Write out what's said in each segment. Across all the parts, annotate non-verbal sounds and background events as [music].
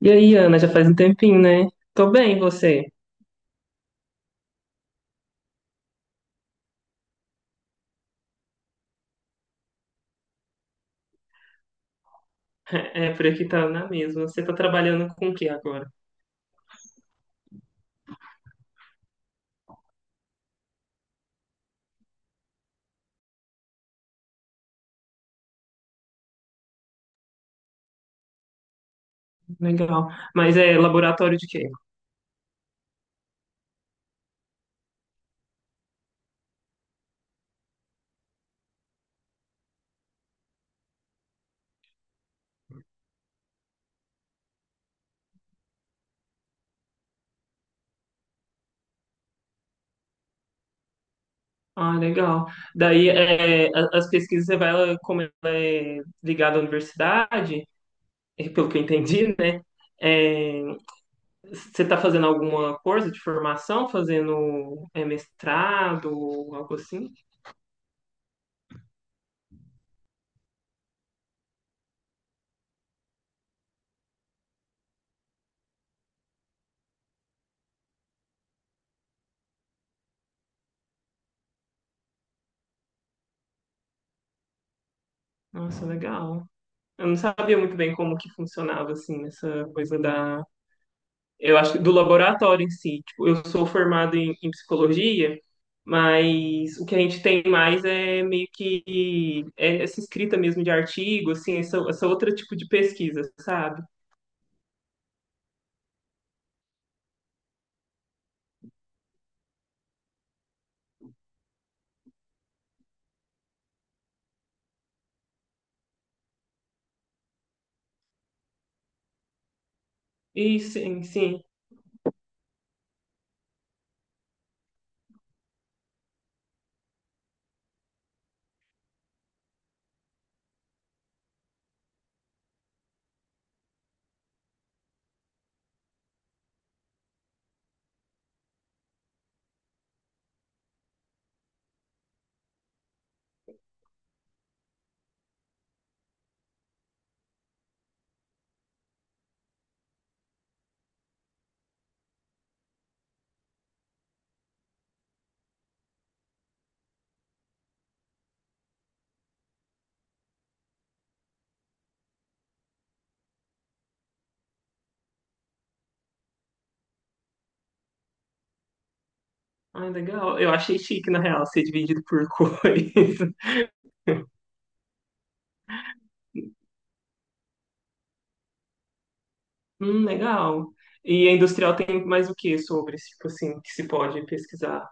E aí, Ana, já faz um tempinho, né? Tô bem, e você? [laughs] É, por aqui tá na mesma. Você tá trabalhando com o que agora? Legal. Mas é laboratório de quê? Ah, legal. Daí, as pesquisas, como ela é ligada à universidade, pelo que eu entendi, [laughs] né? É, Você tá fazendo alguma coisa de formação? Fazendo mestrado, algo assim? Nossa, legal. Eu não sabia muito bem como que funcionava, assim, essa coisa. Eu acho que do laboratório em si. Tipo, eu sou formado em psicologia, mas o que a gente tem mais é meio que é essa escrita mesmo de artigo, assim, essa outra tipo de pesquisa, sabe? E sim, sim. Ah, legal. Eu achei chique, na real, ser dividido por [laughs] cores. Legal. E a industrial tem mais o que sobre, tipo assim, que se pode pesquisar?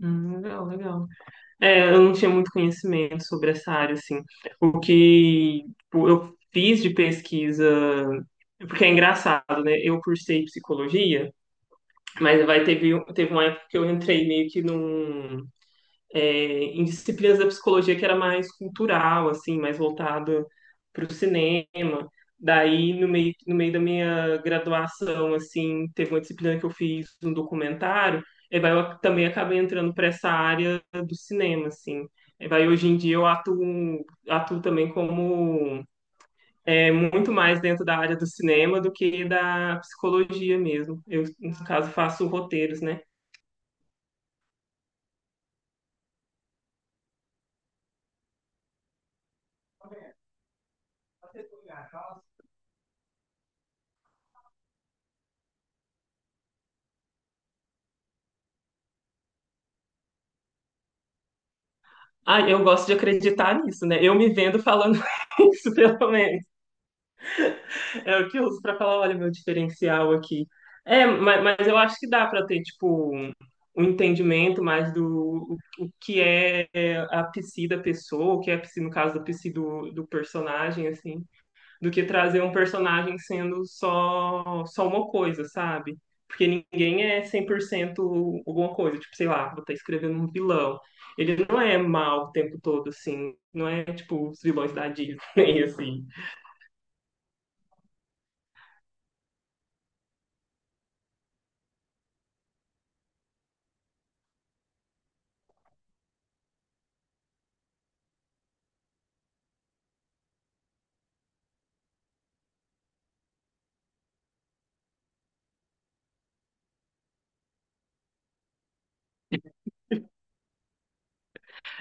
Legal, legal. É, eu não tinha muito conhecimento sobre essa área, assim. O que tipo, eu fiz de pesquisa, porque é engraçado, né? Eu cursei psicologia, mas teve uma época que eu entrei meio que num em disciplinas da psicologia que era mais cultural, assim, mais voltada para o cinema. Daí, no meio da minha graduação, assim, teve uma disciplina que eu fiz um documentário, e eu também acabei entrando para essa área do cinema, assim. E hoje em dia atuo também como muito mais dentro da área do cinema do que da psicologia mesmo. Eu, no caso, faço roteiros, né? Ah, eu gosto de acreditar nisso, né? Eu me vendo falando [laughs] isso, pelo menos. É o que eu uso pra falar, olha, meu diferencial aqui. É, mas eu acho que dá pra ter, tipo, um entendimento mais do o que é a psi da pessoa, o que é a psi, no caso, da psi do, do personagem, assim, do que trazer um personagem sendo só uma coisa, sabe? Porque ninguém é 100% alguma coisa, tipo, sei lá, vou estar escrevendo um vilão. Ele não é mal o tempo todo, assim, não é, tipo, os vilões da Disney, [laughs] assim.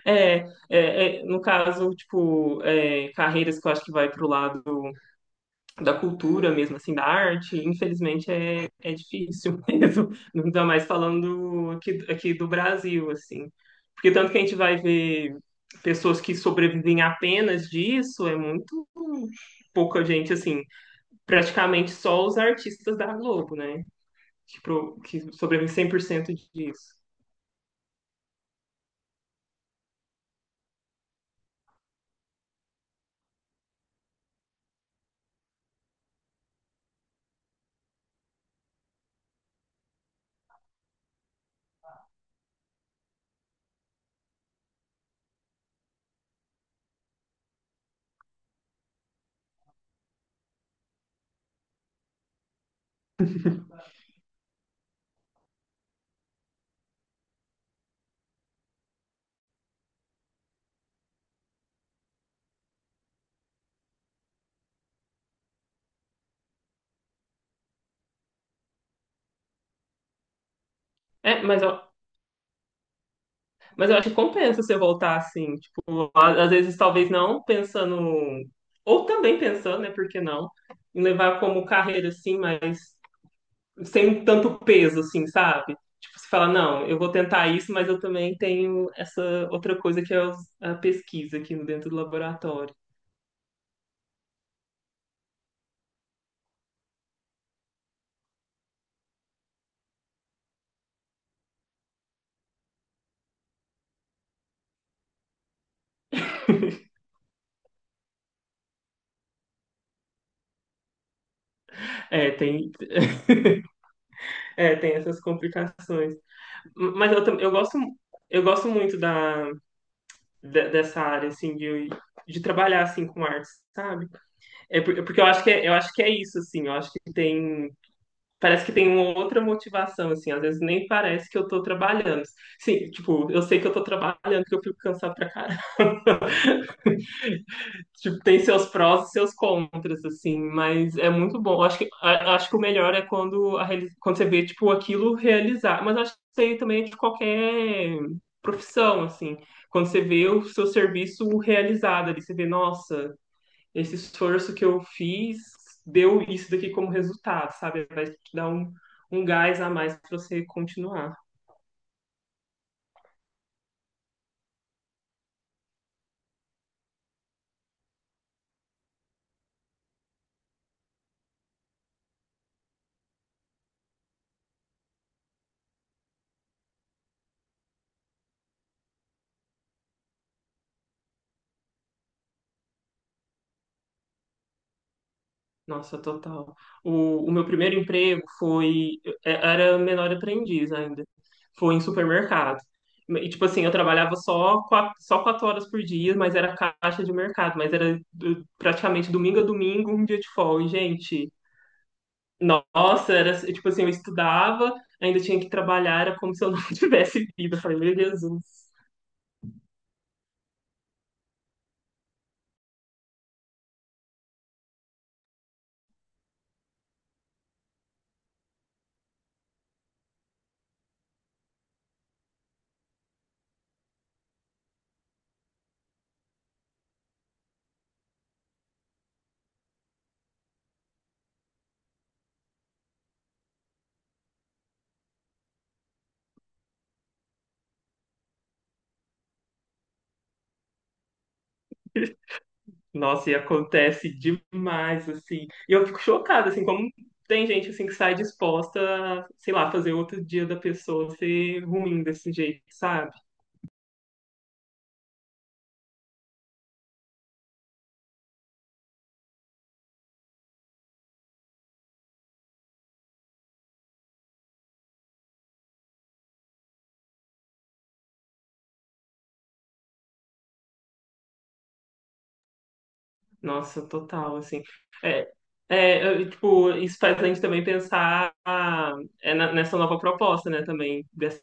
É, no caso, tipo, carreiras que eu acho que vai pro lado da cultura mesmo, assim, da arte, infelizmente é difícil [laughs] mesmo, ainda mais falando aqui do Brasil, assim. Porque tanto que a gente vai ver pessoas que sobrevivem apenas disso, é muito pouca gente, assim, praticamente só os artistas da Globo, né? Que, que sobrevivem 100% disso. É, mas Mas eu acho que compensa você voltar assim, tipo, às vezes talvez não pensando, ou também pensando, né, por que não, em levar como carreira assim, mas sem tanto peso assim, sabe? Tipo, você fala, não, eu vou tentar isso, mas eu também tenho essa outra coisa que é a pesquisa aqui dentro do laboratório. É, tem, Tem essas complicações. Mas eu, eu gosto muito dessa área assim de trabalhar assim com artes, sabe? Porque eu acho que é, eu acho que é isso, assim, eu acho que tem, parece que tem uma outra motivação, assim, às vezes nem parece que eu tô trabalhando. Sim, tipo, eu sei que eu tô trabalhando, que eu fico cansado pra caralho. [laughs] Tipo, tem seus prós e seus contras, assim, mas é muito bom. Eu acho que, acho que o melhor é quando, quando você vê, tipo, aquilo realizar. Mas acho que isso aí também é de qualquer profissão, assim, quando você vê o seu serviço realizado ali, você vê, nossa, esse esforço que eu fiz deu isso daqui como resultado, sabe? Vai te dar um, um gás a mais para você continuar. Nossa, total. O meu primeiro emprego foi. Era menor aprendiz ainda. Foi em supermercado. E, tipo assim, eu trabalhava só quatro horas por dia, mas era caixa de mercado. Mas era praticamente domingo a domingo, um dia de folga. E, gente, nossa, era tipo assim, eu estudava, ainda tinha que trabalhar, era como se eu não [laughs] tivesse vida. Eu falei, meu Jesus. Nossa, e acontece demais, assim. E eu fico chocada, assim, como tem gente, assim, que sai disposta a, sei lá, fazer outro dia da pessoa ser ruim desse jeito, sabe? Nossa, total, assim. É, eu, tipo, isso faz a gente também pensar ah, é nessa nova proposta, né, também, dessa,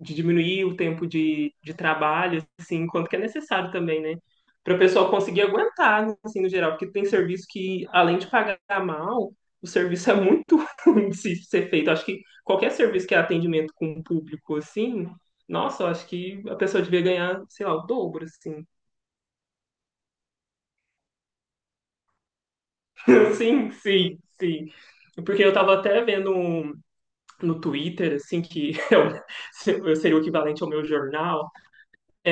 de diminuir o tempo de trabalho, assim, quanto que é necessário também, né, para o pessoal conseguir aguentar, assim, no geral, porque tem serviço que, além de pagar mal, o serviço é muito [laughs] ruim de se ser feito. Acho que qualquer serviço que é atendimento com o público, assim, nossa, eu acho que a pessoa devia ganhar, sei lá, o dobro, assim. [laughs] Sim, sim, sim. Porque eu tava até vendo no Twitter, assim, que [laughs] eu seria o equivalente ao meu jornal,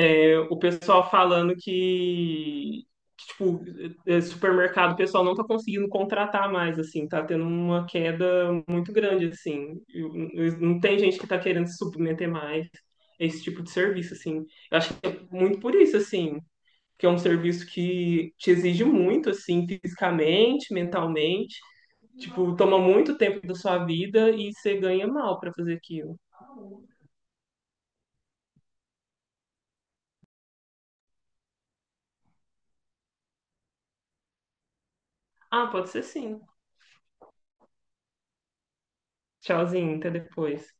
o pessoal falando que, tipo, supermercado, o pessoal não tá conseguindo contratar mais, assim, tá tendo uma queda muito grande, assim. Não tem gente que tá querendo se submeter mais a esse tipo de serviço, assim. Eu acho que é muito por isso, assim, que é um serviço que te exige muito, assim, fisicamente, mentalmente. Tipo, toma muito tempo da sua vida e você ganha mal pra fazer aquilo. Ah, pode ser sim. Tchauzinho, até depois.